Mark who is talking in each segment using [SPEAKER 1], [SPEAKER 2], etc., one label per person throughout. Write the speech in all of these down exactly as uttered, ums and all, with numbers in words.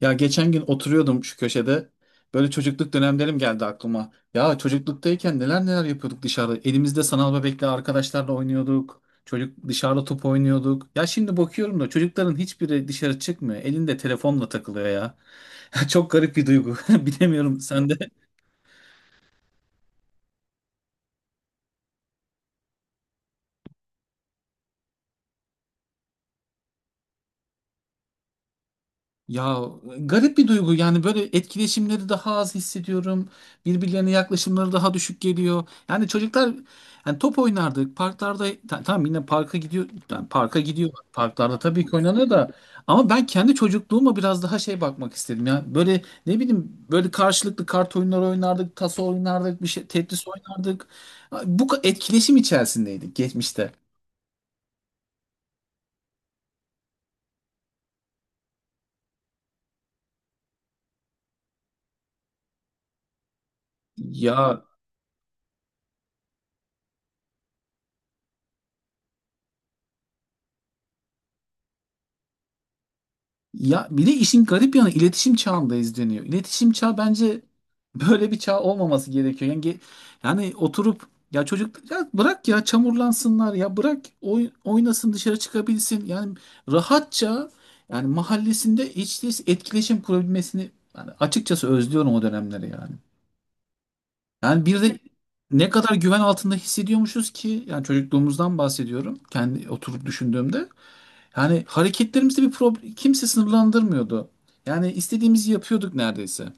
[SPEAKER 1] Ya geçen gün oturuyordum şu köşede. Böyle çocukluk dönemlerim geldi aklıma. Ya çocukluktayken neler neler yapıyorduk dışarıda. Elimizde sanal bebekle arkadaşlarla oynuyorduk. Çocuk dışarıda top oynuyorduk. Ya şimdi bakıyorum da çocukların hiçbiri dışarı çıkmıyor. Elinde telefonla takılıyor ya. Çok garip bir duygu. Bilemiyorum sende. Ya, garip bir duygu yani böyle etkileşimleri daha az hissediyorum. Birbirlerine yaklaşımları daha düşük geliyor. Yani çocuklar yani top oynardık parklarda ta- tamam, yine parka gidiyor yani parka gidiyor. Parklarda tabii ki oynanıyor da ama ben kendi çocukluğuma biraz daha şey bakmak istedim ya. Böyle ne bileyim böyle karşılıklı kart oyunları oynardık, taso oynardık, bir şey Tetris oynardık. Bu ka- etkileşim içerisindeydik geçmişte. Ya Ya bir de işin garip yanı iletişim çağındayız deniyor. İletişim çağı bence böyle bir çağ olmaması gerekiyor. Yani, ge- yani oturup ya çocuk ya bırak ya çamurlansınlar, ya bırak oy- oynasın, dışarı çıkabilsin. Yani rahatça, yani mahallesinde hiç değilse etkileşim kurabilmesini, yani açıkçası özlüyorum o dönemleri yani. Yani bir de ne kadar güven altında hissediyormuşuz ki yani çocukluğumuzdan bahsediyorum kendi oturup düşündüğümde. Yani hareketlerimizde bir problem, kimse sınırlandırmıyordu. Yani istediğimizi yapıyorduk neredeyse.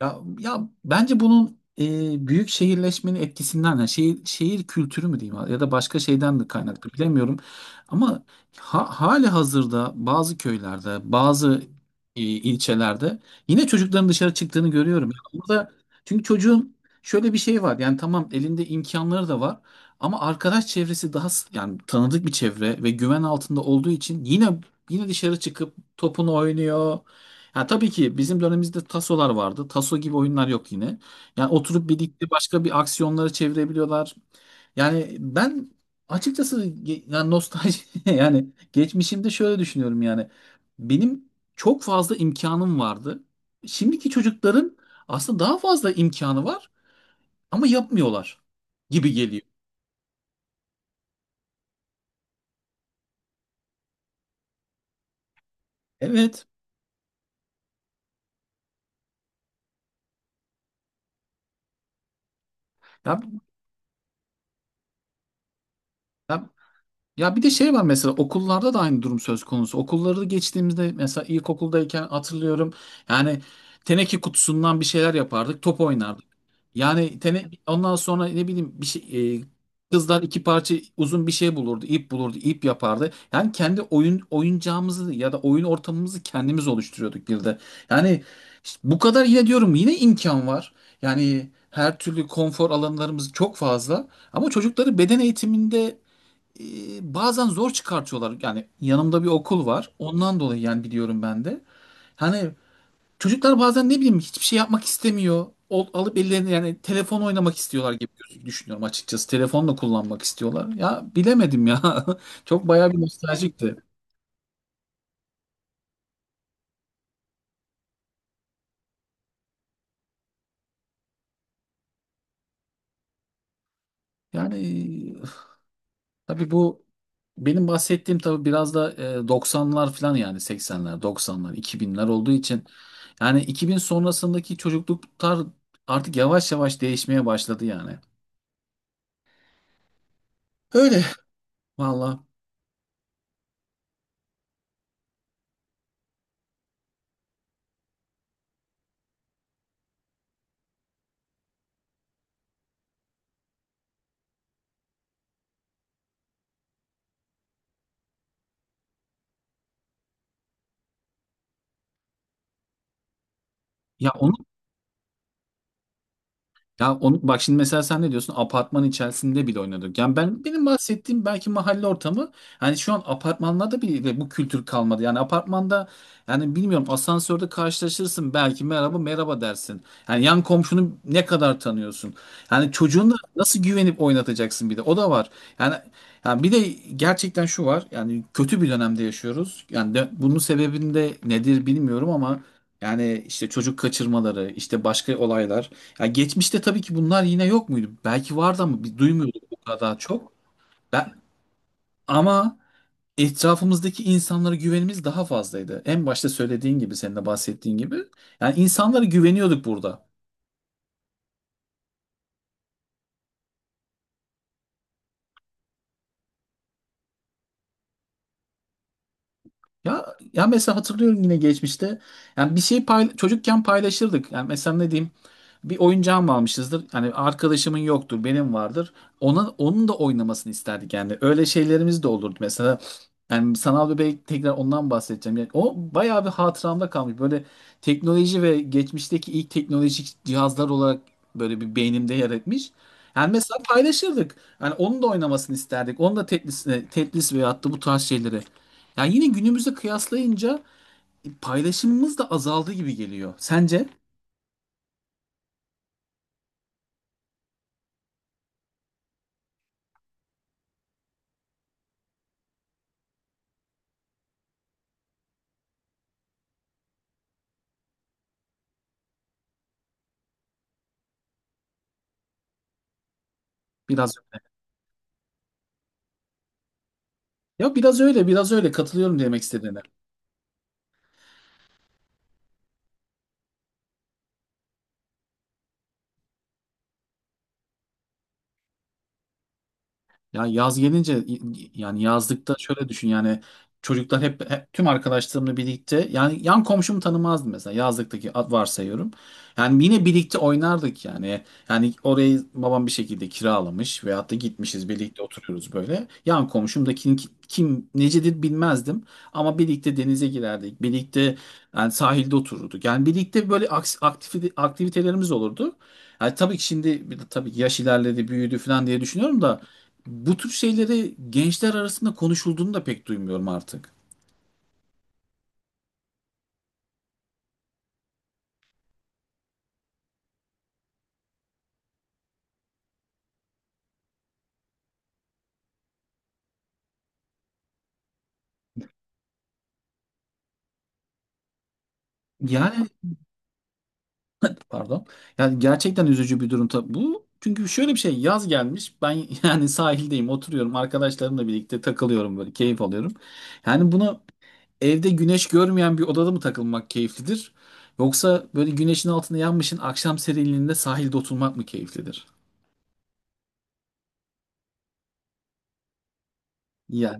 [SPEAKER 1] Ya, ya bence bunun e, büyük şehirleşmenin etkisinden, yani şehir, şehir kültürü mü diyeyim ya da başka şeyden de kaynaklı bilemiyorum. Ama ha, hali hazırda bazı köylerde, bazı e, ilçelerde yine çocukların dışarı çıktığını görüyorum. Yani burada, çünkü çocuğun şöyle bir şey var yani tamam, elinde imkanları da var ama arkadaş çevresi daha s- yani tanıdık bir çevre ve güven altında olduğu için yine yine dışarı çıkıp topunu oynuyor. Ya tabii ki bizim dönemimizde tasolar vardı. Taso gibi oyunlar yok yine. Yani oturup birlikte başka bir aksiyonları çevirebiliyorlar. Yani ben açıkçası ge- yani nostalji yani geçmişimde şöyle düşünüyorum yani. Benim çok fazla imkanım vardı. Şimdiki çocukların aslında daha fazla imkanı var ama yapmıyorlar gibi geliyor. Evet. Ya, ya Ya bir de şey var, mesela okullarda da aynı durum söz konusu. Okulları geçtiğimizde mesela ilkokuldayken hatırlıyorum. Yani teneke kutusundan bir şeyler yapardık, top oynardık. Yani tene ondan sonra ne bileyim bir şey, e, kızlar iki parça uzun bir şey bulurdu, ip bulurdu, ip yapardı. Yani kendi oyun oyuncağımızı ya da oyun ortamımızı kendimiz oluşturuyorduk bir de. Yani işte bu kadar, yine diyorum, yine imkan var. Yani her türlü konfor alanlarımız çok fazla ama çocukları beden eğitiminde e, bazen zor çıkartıyorlar. Yani yanımda bir okul var. Ondan dolayı yani biliyorum ben de. Hani çocuklar bazen ne bileyim hiçbir şey yapmak istemiyor. Ol- alıp ellerine yani telefon oynamak istiyorlar gibi göz- düşünüyorum açıkçası. Telefonla kullanmak istiyorlar. Ya bilemedim ya. Çok bayağı bir nostaljikti. Yani tabii bu benim bahsettiğim tabii biraz da e, doksanlar falan, yani seksenler, doksanlar, iki binler olduğu için yani iki bin sonrasındaki çocukluklar artık yavaş yavaş değişmeye başladı yani. Öyle, valla. Ya onu Ya onu, bak şimdi mesela sen ne diyorsun? Apartman içerisinde bile oynadık. Yani ben, benim bahsettiğim belki mahalle ortamı. Hani şu an apartmanlarda bile bu kültür kalmadı. Yani apartmanda, yani bilmiyorum, asansörde karşılaşırsın belki, merhaba merhaba dersin. Yani yan komşunu ne kadar tanıyorsun? Yani çocuğuna nasıl güvenip oynatacaksın, bir de o da var. Yani yani bir de gerçekten şu var. Yani kötü bir dönemde yaşıyoruz. Yani de- bunun sebebinde nedir bilmiyorum ama yani işte çocuk kaçırmaları, işte başka olaylar. Ya geçmişte tabii ki bunlar yine yok muydu? Belki vardı ama biz duymuyorduk bu kadar çok. Ben Ama etrafımızdaki insanlara güvenimiz daha fazlaydı. En başta söylediğin gibi, senin de bahsettiğin gibi. Yani insanlara güveniyorduk burada. Ya ya mesela hatırlıyorum yine geçmişte. Yani bir şey payla- çocukken paylaşırdık. Yani mesela ne diyeyim? Bir oyuncağımı almışızdır. Hani arkadaşımın yoktur, benim vardır. Ona, onun da oynamasını isterdik yani. Öyle şeylerimiz de olurdu mesela. Yani sanal bebek, tekrar ondan bahsedeceğim. Yani o bayağı bir hatıramda kalmış. Böyle teknoloji ve geçmişteki ilk teknolojik cihazlar olarak böyle bir beynimde yer etmiş. Yani mesela paylaşırdık. Yani onun da oynamasını isterdik. Onun da Tetris'ine, Tetris veyahut da bu tarz şeyleri. Yani yine günümüzde kıyaslayınca paylaşımımız da azaldı gibi geliyor. Sence? Biraz öyle. Ya biraz öyle, biraz öyle. Katılıyorum demek istediğine. Ya yaz gelince, yani yazlıkta şöyle düşün yani, çocuklar hep, hep tüm arkadaşlarımla birlikte, yani yan komşumu tanımazdım mesela yazlıktaki, ad- varsayıyorum. Yani yine birlikte oynardık yani. Yani orayı babam bir şekilde kiralamış veyahut da gitmişiz, birlikte oturuyoruz böyle. Yan komşumdakinin ki- kim necedir bilmezdim ama birlikte denize girerdik. Birlikte, yani sahilde otururduk. Yani birlikte böyle aks- aktivite aktivitelerimiz olurdu. Yani tabii ki şimdi bir de, tabii ki yaş ilerledi, büyüdü falan diye düşünüyorum da, bu tür şeyleri gençler arasında konuşulduğunu da pek duymuyorum artık. Yani pardon. Yani gerçekten üzücü bir durum tabii bu. Çünkü şöyle bir şey, yaz gelmiş. Ben yani sahildeyim, oturuyorum arkadaşlarımla birlikte, takılıyorum böyle, keyif alıyorum. Yani buna, evde güneş görmeyen bir odada mı takılmak keyiflidir? Yoksa böyle güneşin altında yanmışın, akşam serinliğinde sahilde oturmak mı keyiflidir? Ya.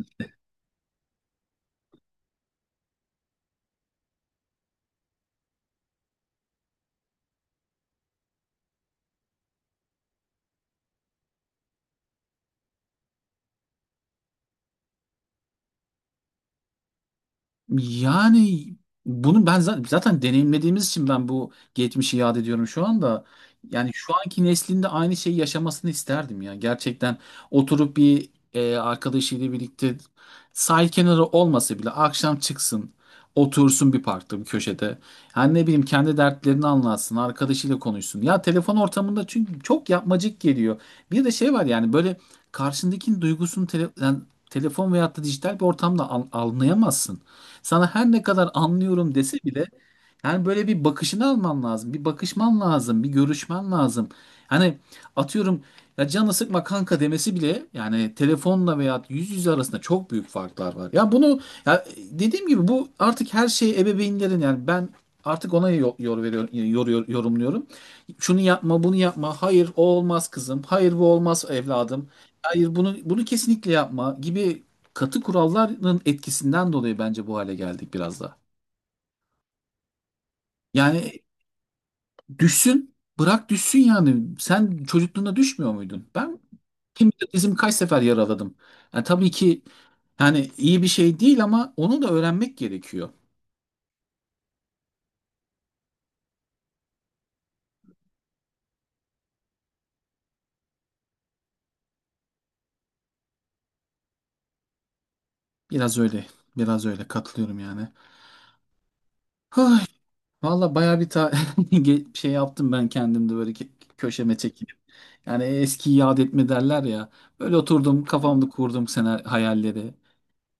[SPEAKER 1] Yani bunu ben za- zaten deneyimlediğimiz için ben bu geçmişi yad ediyorum şu anda. Yani şu anki neslinde aynı şeyi yaşamasını isterdim ya. Gerçekten oturup bir e, arkadaşıyla birlikte, sahil kenarı olmasa bile akşam çıksın, otursun bir parkta, bir köşede. Yani ne bileyim kendi dertlerini anlatsın, arkadaşıyla konuşsun. Ya telefon ortamında çünkü çok yapmacık geliyor. Bir de şey var, yani böyle karşındakinin duygusunu tele- yani telefon veyahut da dijital bir ortamda an- anlayamazsın. Sana her ne kadar anlıyorum dese bile yani böyle bir bakışını alman lazım. Bir bakışman lazım. Bir görüşmen lazım. Hani atıyorum, ya canı sıkma kanka demesi bile, yani telefonla veya yüz yüze arasında çok büyük farklar var. Ya bunu, ya dediğim gibi bu artık her şey ebeveynlerin, yani ben artık ona yor, yor veriyorum, yor, yor, yorumluyorum. Şunu yapma, bunu yapma. Hayır, o olmaz kızım. Hayır, bu olmaz evladım. Hayır, bunu bunu kesinlikle yapma gibi katı kuralların etkisinden dolayı bence bu hale geldik biraz da. Yani düşsün, bırak düşsün yani. Sen çocukluğunda düşmüyor muydun? Ben kim bilir dizimi kaç sefer yaraladım. Yani tabii ki, yani iyi bir şey değil ama onu da öğrenmek gerekiyor. Biraz öyle, biraz öyle, katılıyorum yani. Ay, valla bayağı bir ta ge- şey yaptım ben kendimde, böyle ke- köşeme çekilip. Yani eskiyi yad etme derler ya. Böyle oturdum, kafamda kurdum sene hayalleri.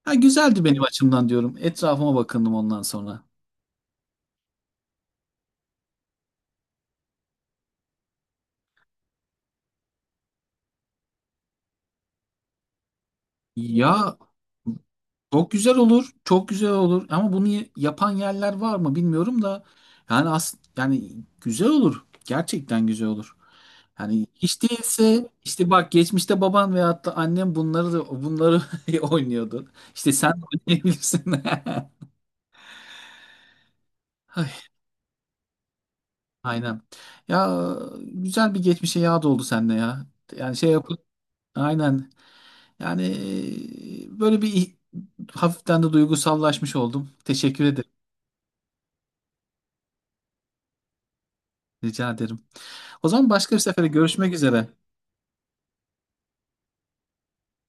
[SPEAKER 1] Ha, güzeldi benim açımdan diyorum. Etrafıma bakındım ondan sonra. Ya çok güzel olur, çok güzel olur. Ama bunu y- yapan yerler var mı bilmiyorum da. Yani as yani güzel olur. Gerçekten güzel olur. Yani hiç değilse işte bak, geçmişte baban veyahut da annem bunları da bunları oynuyordu. İşte sen de oynayabilirsin. Ay, Aynen. Ya güzel bir geçmişe yağ doldu sende ya. Yani şey yapın. Aynen. Yani e, böyle bir, hafiften de duygusallaşmış oldum. Teşekkür ederim. Rica ederim. O zaman başka bir sefere görüşmek üzere.